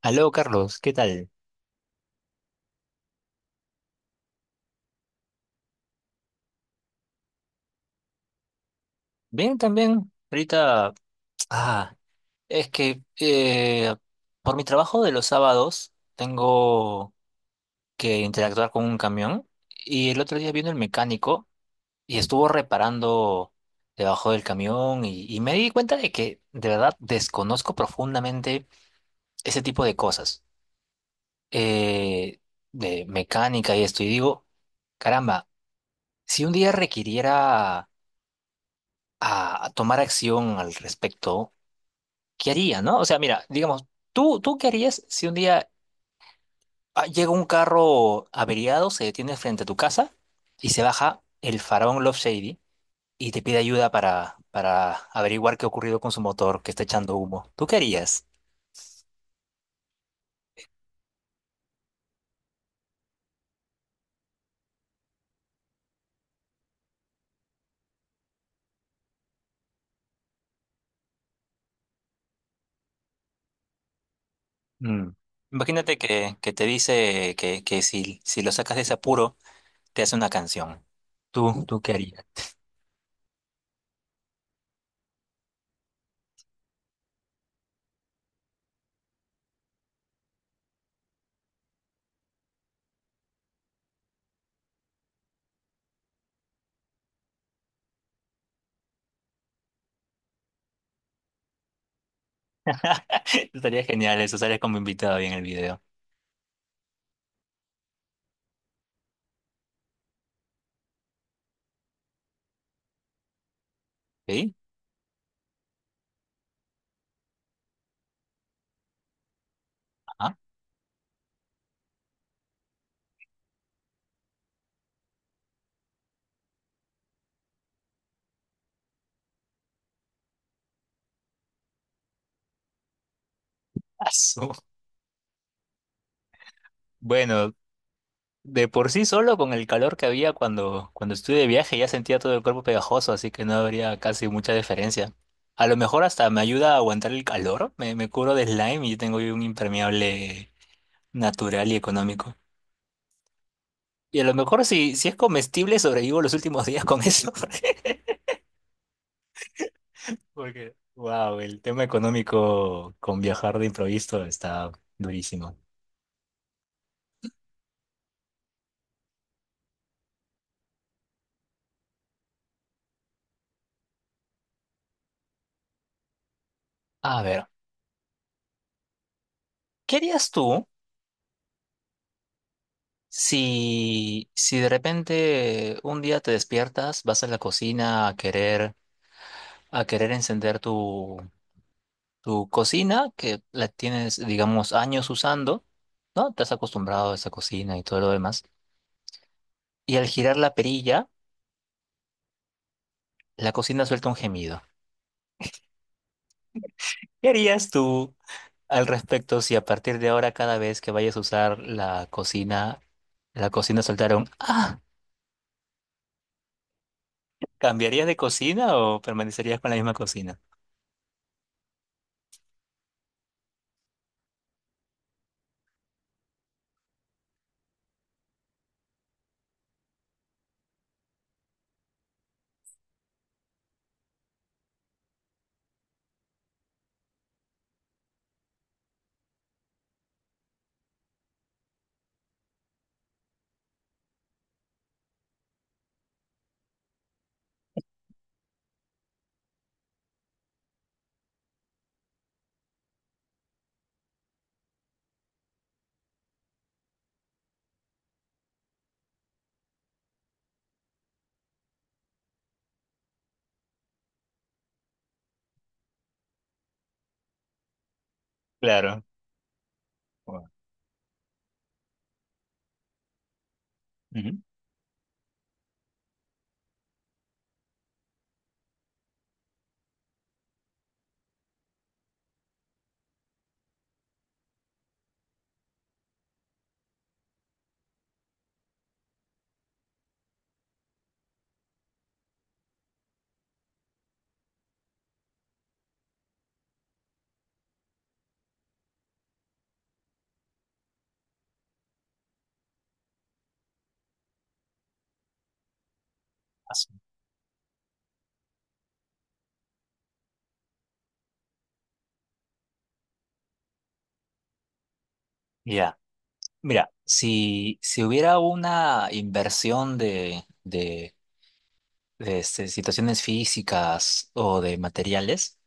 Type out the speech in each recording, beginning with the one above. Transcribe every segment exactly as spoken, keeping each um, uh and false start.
Aló, Carlos, ¿qué tal? Bien, también. Ahorita, ah, es que eh, por mi trabajo de los sábados tengo que interactuar con un camión y el otro día vino el mecánico y estuvo reparando debajo del camión y, y me di cuenta de que de verdad desconozco profundamente ese tipo de cosas eh, de mecánica y esto y digo, caramba, si un día requiriera a a tomar acción al respecto, ¿qué haría, no? O sea, mira, digamos, ¿tú, tú qué harías si un día ah, llega un carro averiado, se detiene frente a tu casa y se baja el faraón Love Shady y te pide ayuda para, para averiguar qué ha ocurrido con su motor, que está echando humo? ¿Tú qué harías? Mm. Imagínate que, que te dice que, que si, si lo sacas de ese apuro, te hace una canción. ¿Tú, tú qué harías? Estaría genial eso, estaría como invitado ahí en el video. ¿Sí? Ajá. Ah, bueno, de por sí solo con el calor que había cuando, cuando estuve de viaje ya sentía todo el cuerpo pegajoso, así que no habría casi mucha diferencia. A lo mejor hasta me ayuda a aguantar el calor, me, me cubro de slime y tengo ahí un impermeable natural y económico. Y a lo mejor si, si es comestible sobrevivo los últimos días con eso. Porque, wow, el tema económico con viajar de improviso está durísimo. A ver, ¿qué harías tú? Si, si de repente un día te despiertas, vas a la cocina a querer, a querer encender tu, tu cocina, que la tienes, digamos, años usando, ¿no? Te has acostumbrado a esa cocina y todo lo demás. Y al girar la perilla, la cocina suelta un gemido. ¿Qué harías tú al respecto si a partir de ahora, cada vez que vayas a usar la cocina, la cocina soltara un ¡ah! ¿Cambiarías de cocina o permanecerías con la misma cocina? Claro. Ujú. Ya, mira, si, si hubiera una inversión de, de, de, este, situaciones físicas o de materiales,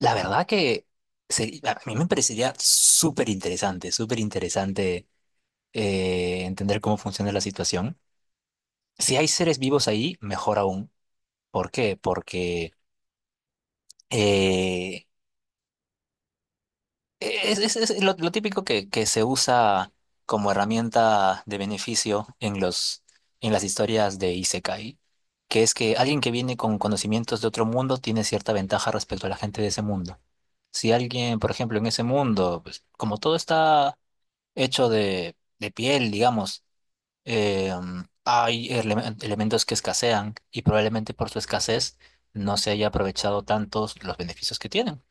la verdad que seri- a mí me parecería súper interesante, súper interesante eh, entender cómo funciona la situación. Si hay seres vivos ahí, mejor aún. ¿Por qué? Porque eh, e-, Es, es- es lo, lo típico que, que se usa como herramienta de beneficio en los, en las historias de Isekai, que es que alguien que viene con conocimientos de otro mundo tiene cierta ventaja respecto a la gente de ese mundo. Si alguien, por ejemplo, en ese mundo, pues, como todo está hecho de, de piel, digamos, eh, hay ele- elementos que escasean y probablemente por su escasez no se haya aprovechado tantos los beneficios que tienen.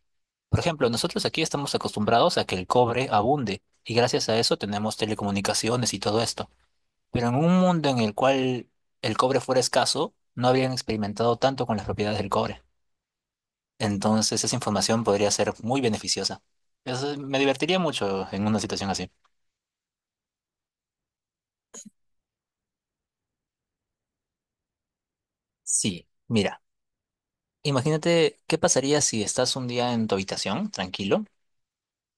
Por ejemplo, nosotros aquí estamos acostumbrados a que el cobre abunde y gracias a eso tenemos telecomunicaciones y todo esto. Pero en un mundo en el cual el cobre fuera escaso, no habrían experimentado tanto con las propiedades del cobre. Entonces esa información podría ser muy beneficiosa. Eso me divertiría mucho en una situación así. Sí, mira, imagínate qué pasaría si estás un día en tu habitación, tranquilo,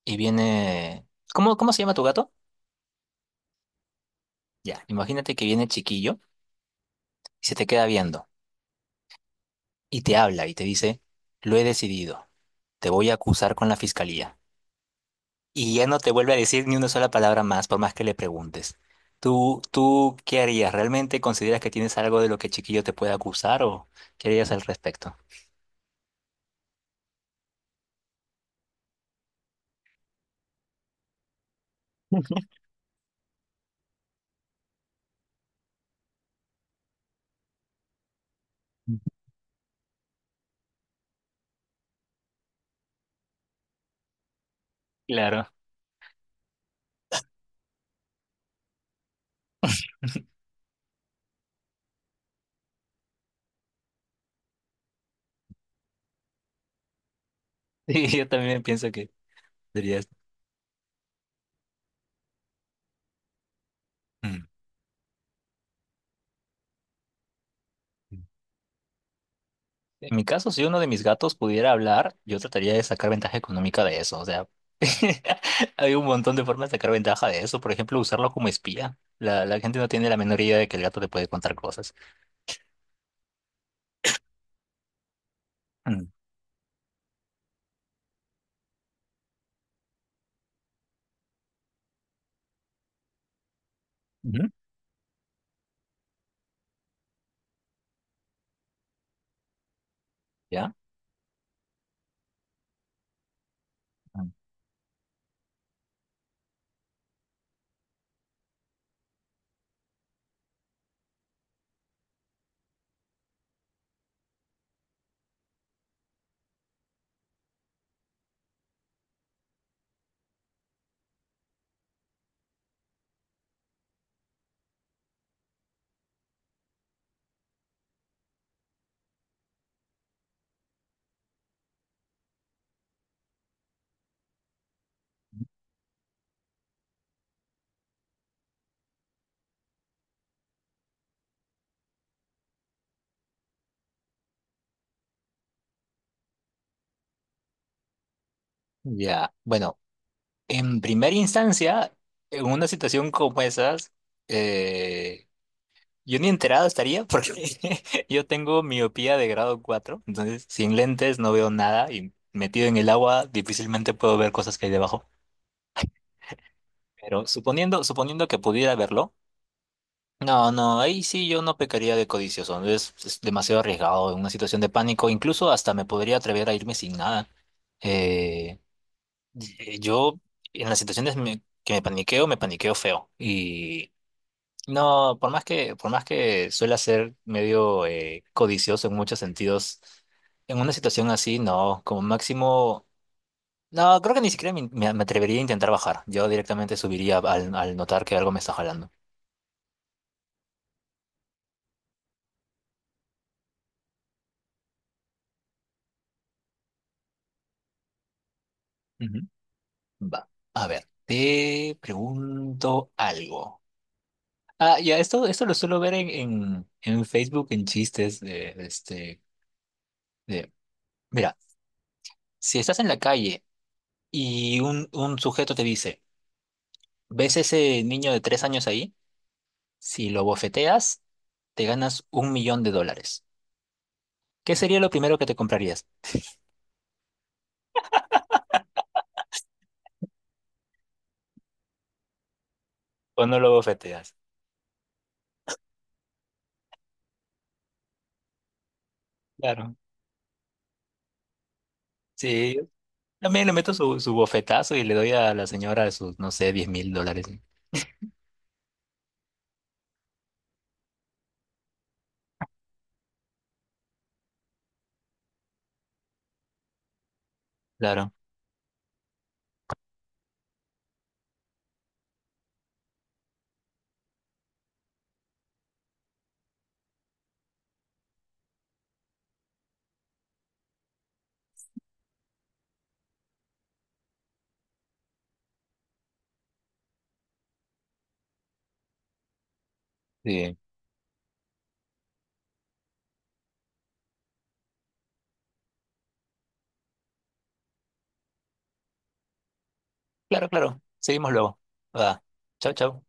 y viene... ¿Cómo, cómo se llama tu gato? Ya, imagínate que viene chiquillo y se te queda viendo, y te habla y te dice, lo he decidido, te voy a acusar con la fiscalía. Y ya no te vuelve a decir ni una sola palabra más por más que le preguntes. ¿Tú, tú qué harías? ¿Realmente consideras que tienes algo de lo que Chiquillo te puede acusar o qué harías al respecto? Claro. Sí, yo también pienso que dirías. "Mm". En mi caso, si uno de mis gatos pudiera hablar, yo trataría de sacar ventaja económica de eso. O sea, hay un montón de formas de sacar ventaja de eso. Por ejemplo, usarlo como espía. La, la gente no tiene la menor idea de que el gato te puede contar cosas. Mm, ujú. ¿Ya? Mm. Ya, bueno, en primera instancia, en una situación como esas, eh, yo ni enterado estaría porque yo tengo miopía de grado cuatro. Entonces, sin lentes no veo nada y metido en el agua difícilmente puedo ver cosas que hay debajo. Pero suponiendo, suponiendo que pudiera verlo, no, no, ahí sí yo no pecaría de codicioso, es, es demasiado arriesgado, en una situación de pánico, incluso hasta me podría atrever a irme sin nada. Eh, y- yo en las situaciones me- que me paniqueo, me paniqueo feo. Y no, por más que, por más que suela ser medio eh, codicioso en muchos sentidos, en una situación así, no, como máximo, no, creo que ni siquiera me, me- me atrevería a intentar bajar, yo directamente subiría al al notar que algo me está jalando. Ujú. Va. A ver, te pregunto algo. Ah, ya, esto, esto lo suelo ver en, en, en Facebook, en chistes de, de este, de, mira, si estás en la calle y un, un sujeto te dice, ¿ves ese niño de tres años ahí? Si lo bofeteas, te ganas un millón de dólares. ¿Qué sería lo primero que te comprarías? ¿O no lo bofeteas? Claro. Sí, también le meto su, su bofetazo y le doy a la señora sus, no sé, diez mil dólares. Claro. Sí. Claro, claro. Seguimos luego. Va. Chau, chau.